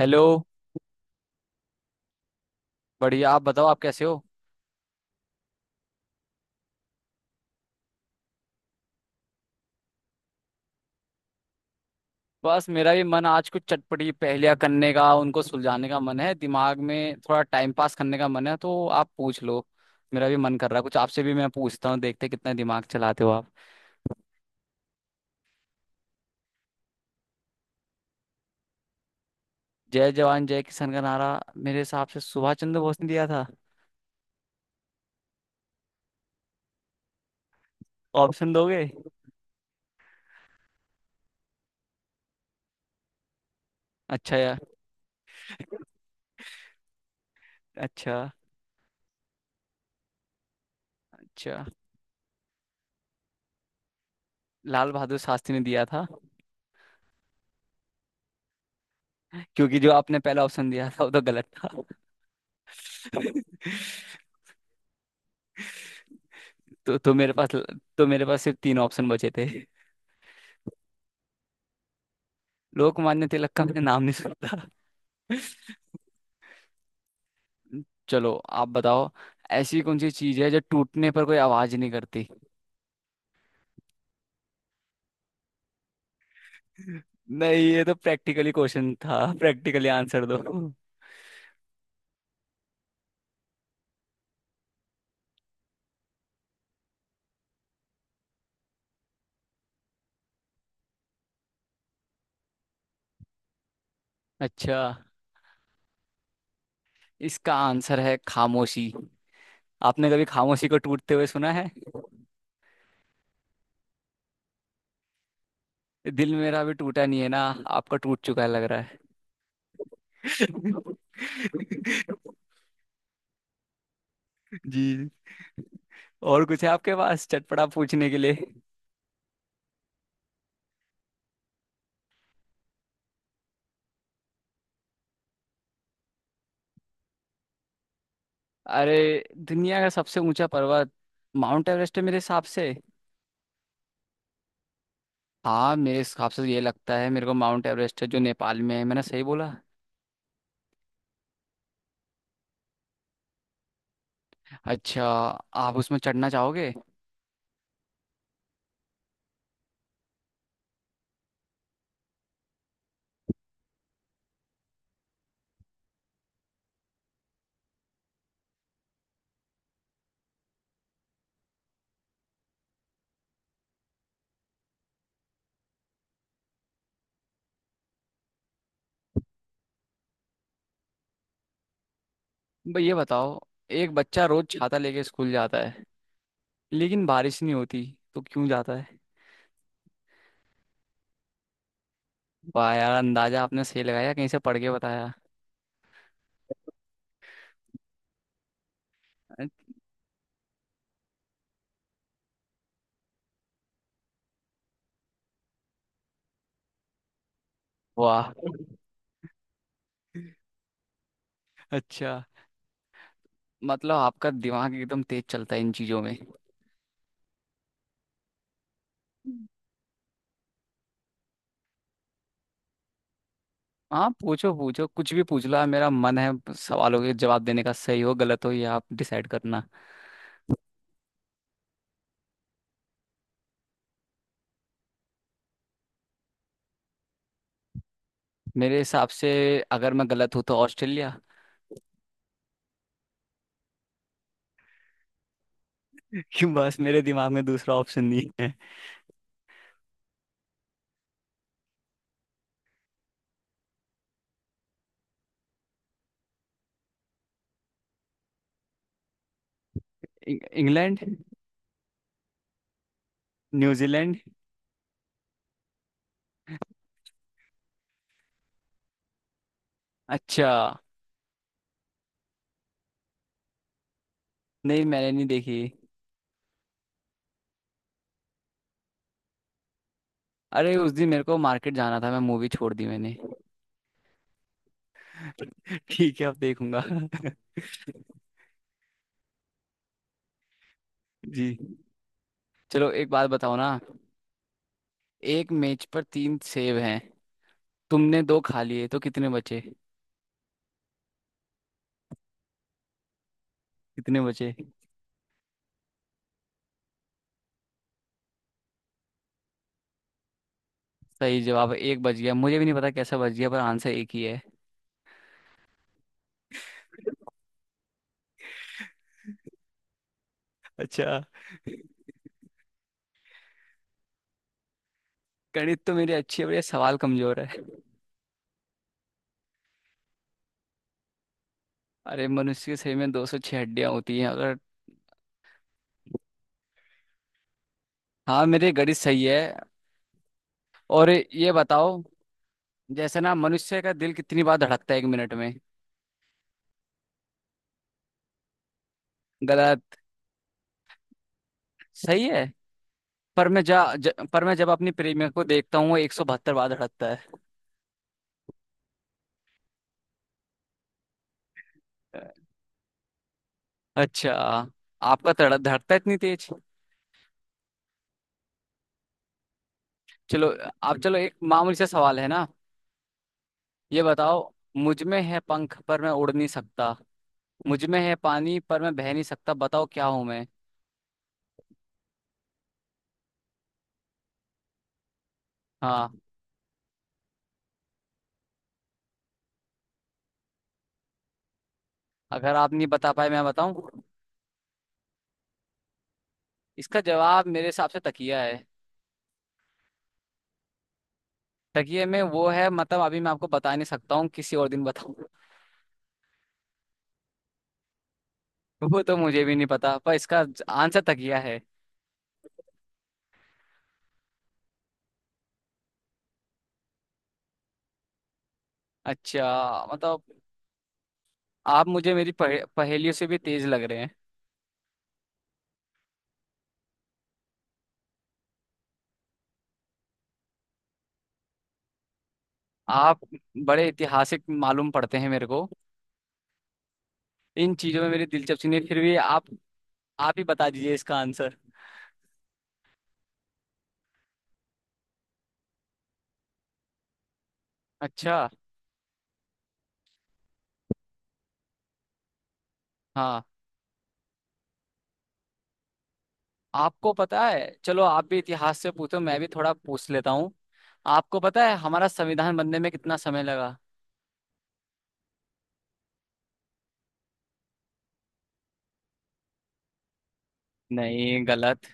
Hello. बढ़िया आप बताओ आप कैसे हो। बस मेरा भी मन आज कुछ चटपटी पहेलियां करने का उनको सुलझाने का मन है, दिमाग में थोड़ा टाइम पास करने का मन है, तो आप पूछ लो। मेरा भी मन कर रहा है कुछ आपसे भी मैं पूछता हूँ, देखते हैं कितना दिमाग चलाते हो आप। जय जवान जय किसान का नारा। मेरे हिसाब से सुभाष चंद्र बोस ने दिया था। ऑप्शन दोगे? अच्छा यार। अच्छा। अच्छा। लाल बहादुर शास्त्री ने दिया था। क्योंकि जो आपने पहला ऑप्शन दिया था वो तो गलत था। तो तो मेरे पास तो मेरे पास सिर्फ तीन ऑप्शन बचे थे। लोकमान्य तिलक का मैंने नाम नहीं सुना। चलो आप बताओ। ऐसी कौन सी चीज है जो टूटने पर कोई आवाज नहीं करती? नहीं, ये तो प्रैक्टिकली क्वेश्चन था, प्रैक्टिकली आंसर दो। अच्छा। इसका आंसर है खामोशी। आपने कभी खामोशी को टूटते हुए सुना है? दिल मेरा अभी टूटा नहीं है ना। आपका टूट चुका है लग रहा है। जी। और कुछ है आपके पास चटपटा पूछने के लिए? अरे। दुनिया का सबसे ऊंचा पर्वत माउंट एवरेस्ट है मेरे हिसाब से। हाँ, मेरे हिसाब से तो ये लगता है मेरे को, माउंट एवरेस्ट है, जो नेपाल में है। मैंने सही बोला? अच्छा। आप उसमें चढ़ना चाहोगे? भाई ये बताओ, एक बच्चा रोज छाता लेके स्कूल जाता है, लेकिन बारिश नहीं होती, तो क्यों जाता है? वाह यार, अंदाजा आपने सही लगाया, कहीं से पढ़ के बताया? वाह। अच्छा, मतलब आपका दिमाग एकदम तेज चलता है इन चीजों में। हाँ पूछो पूछो, कुछ भी पूछ लो आप, मेरा मन है सवालों के जवाब देने का, सही हो गलत हो ये आप डिसाइड करना। मेरे हिसाब से, अगर मैं गलत हूँ, तो ऑस्ट्रेलिया। कि बस मेरे दिमाग में दूसरा ऑप्शन नहीं है। इंग्लैंड। न्यूजीलैंड। अच्छा। नहीं, मैंने नहीं देखी। अरे उस दिन मेरे को मार्केट जाना था, मैं मूवी छोड़ दी मैंने। ठीक है, अब देखूंगा। जी। चलो एक बात बताओ ना। एक मेज पर तीन सेब हैं, तुमने दो खा लिए, तो कितने बचे? कितने बचे? सही जवाब है, एक बज गया, मुझे भी नहीं पता कैसा बज गया, पर आंसर एक ही है। अच्छा। गणित तो मेरी अच्छी है, पर ये सवाल कमजोर है। अरे मनुष्य के शरीर में 206 हड्डियां होती हैं, अगर। हाँ, मेरे गणित सही है। और ये बताओ, जैसे ना मनुष्य का दिल कितनी बार धड़कता है एक मिनट में? गलत। सही है, पर मैं पर मैं जब अपनी प्रेमिका को देखता हूँ वो 172 बार धड़कता है। अच्छा। आपका धड़कता है इतनी तेज? चलो, आप चलो, एक मामूली सा सवाल है ना। ये बताओ, मुझ में है पंख पर मैं उड़ नहीं सकता, मुझ में है पानी पर मैं बह नहीं सकता, बताओ क्या हूं मैं? हाँ। अगर आप नहीं बता पाए मैं बताऊं? इसका जवाब मेरे हिसाब से तकिया है। तकिए में वो है, मतलब अभी मैं आपको बता नहीं सकता हूँ, किसी और दिन बताऊं। वो तो मुझे भी नहीं पता, पर इसका आंसर तकिया है। अच्छा, मतलब आप मुझे मेरी पहेलियों से भी तेज लग रहे हैं। आप बड़े ऐतिहासिक मालूम पड़ते हैं मेरे को। इन चीजों में मेरी दिलचस्पी नहीं, फिर भी आप ही बता दीजिए इसका आंसर। अच्छा। हाँ। आपको पता है, चलो आप भी इतिहास से पूछो, मैं भी थोड़ा पूछ लेता हूँ। आपको पता है हमारा संविधान बनने में कितना समय लगा? नहीं, गलत।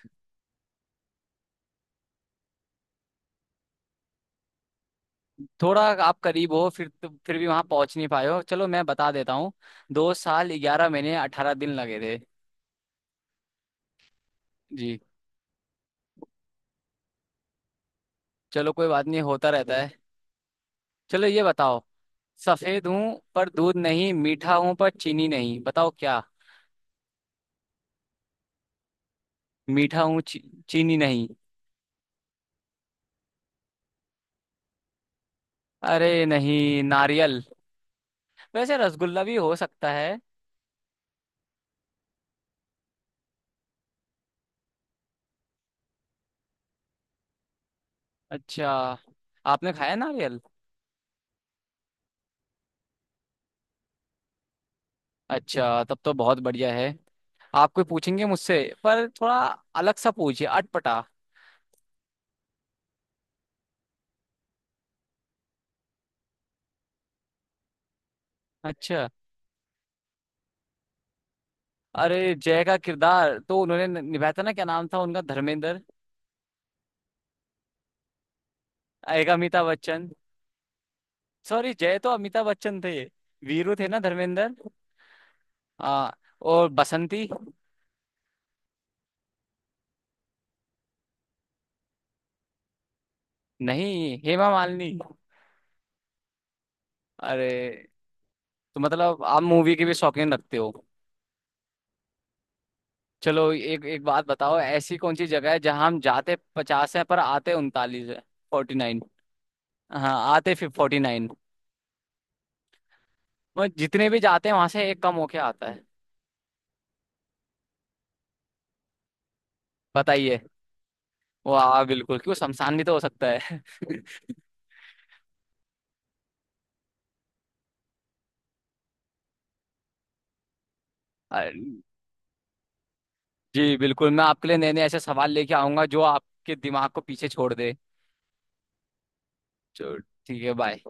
थोड़ा आप करीब हो, फिर तो फिर भी वहां पहुंच नहीं पाए हो, चलो मैं बता देता हूँ। 2 साल 11 महीने 18 दिन लगे थे। जी। चलो कोई बात नहीं, होता रहता है। चलो ये बताओ, सफेद हूँ पर दूध नहीं, मीठा हूँ पर चीनी नहीं, बताओ क्या? मीठा हूँ चीनी नहीं। अरे नहीं, नारियल। वैसे रसगुल्ला भी हो सकता है। अच्छा। आपने खाया नारियल? अच्छा, तब तो बहुत बढ़िया है। आप कोई पूछेंगे मुझसे? पर थोड़ा अलग सा पूछिए, अटपटा। अच्छा। अरे, जय का किरदार तो उन्होंने निभाया था ना, क्या नाम था उनका, धर्मेंद्र? एक अमिताभ बच्चन। सॉरी, जय तो अमिताभ बच्चन थे। वीरू थे ना धर्मेंद्र? हाँ। और बसंती? नहीं, हेमा मालिनी। अरे। तो मतलब आप मूवी के भी शौकीन रखते हो। चलो, एक एक बात बताओ, ऐसी कौन सी जगह है जहां हम जाते 50 है पर आते 39 है। 49। हाँ, आते फिर 49। वो जितने भी जाते हैं वहां से एक कम होके आता है। बताइए। वाह बिल्कुल, क्यों, शमशान भी तो हो सकता है। अरे। जी बिल्कुल, मैं आपके लिए नए नए ऐसे सवाल लेके आऊंगा जो आपके दिमाग को पीछे छोड़ दे। चलो ठीक है, बाय।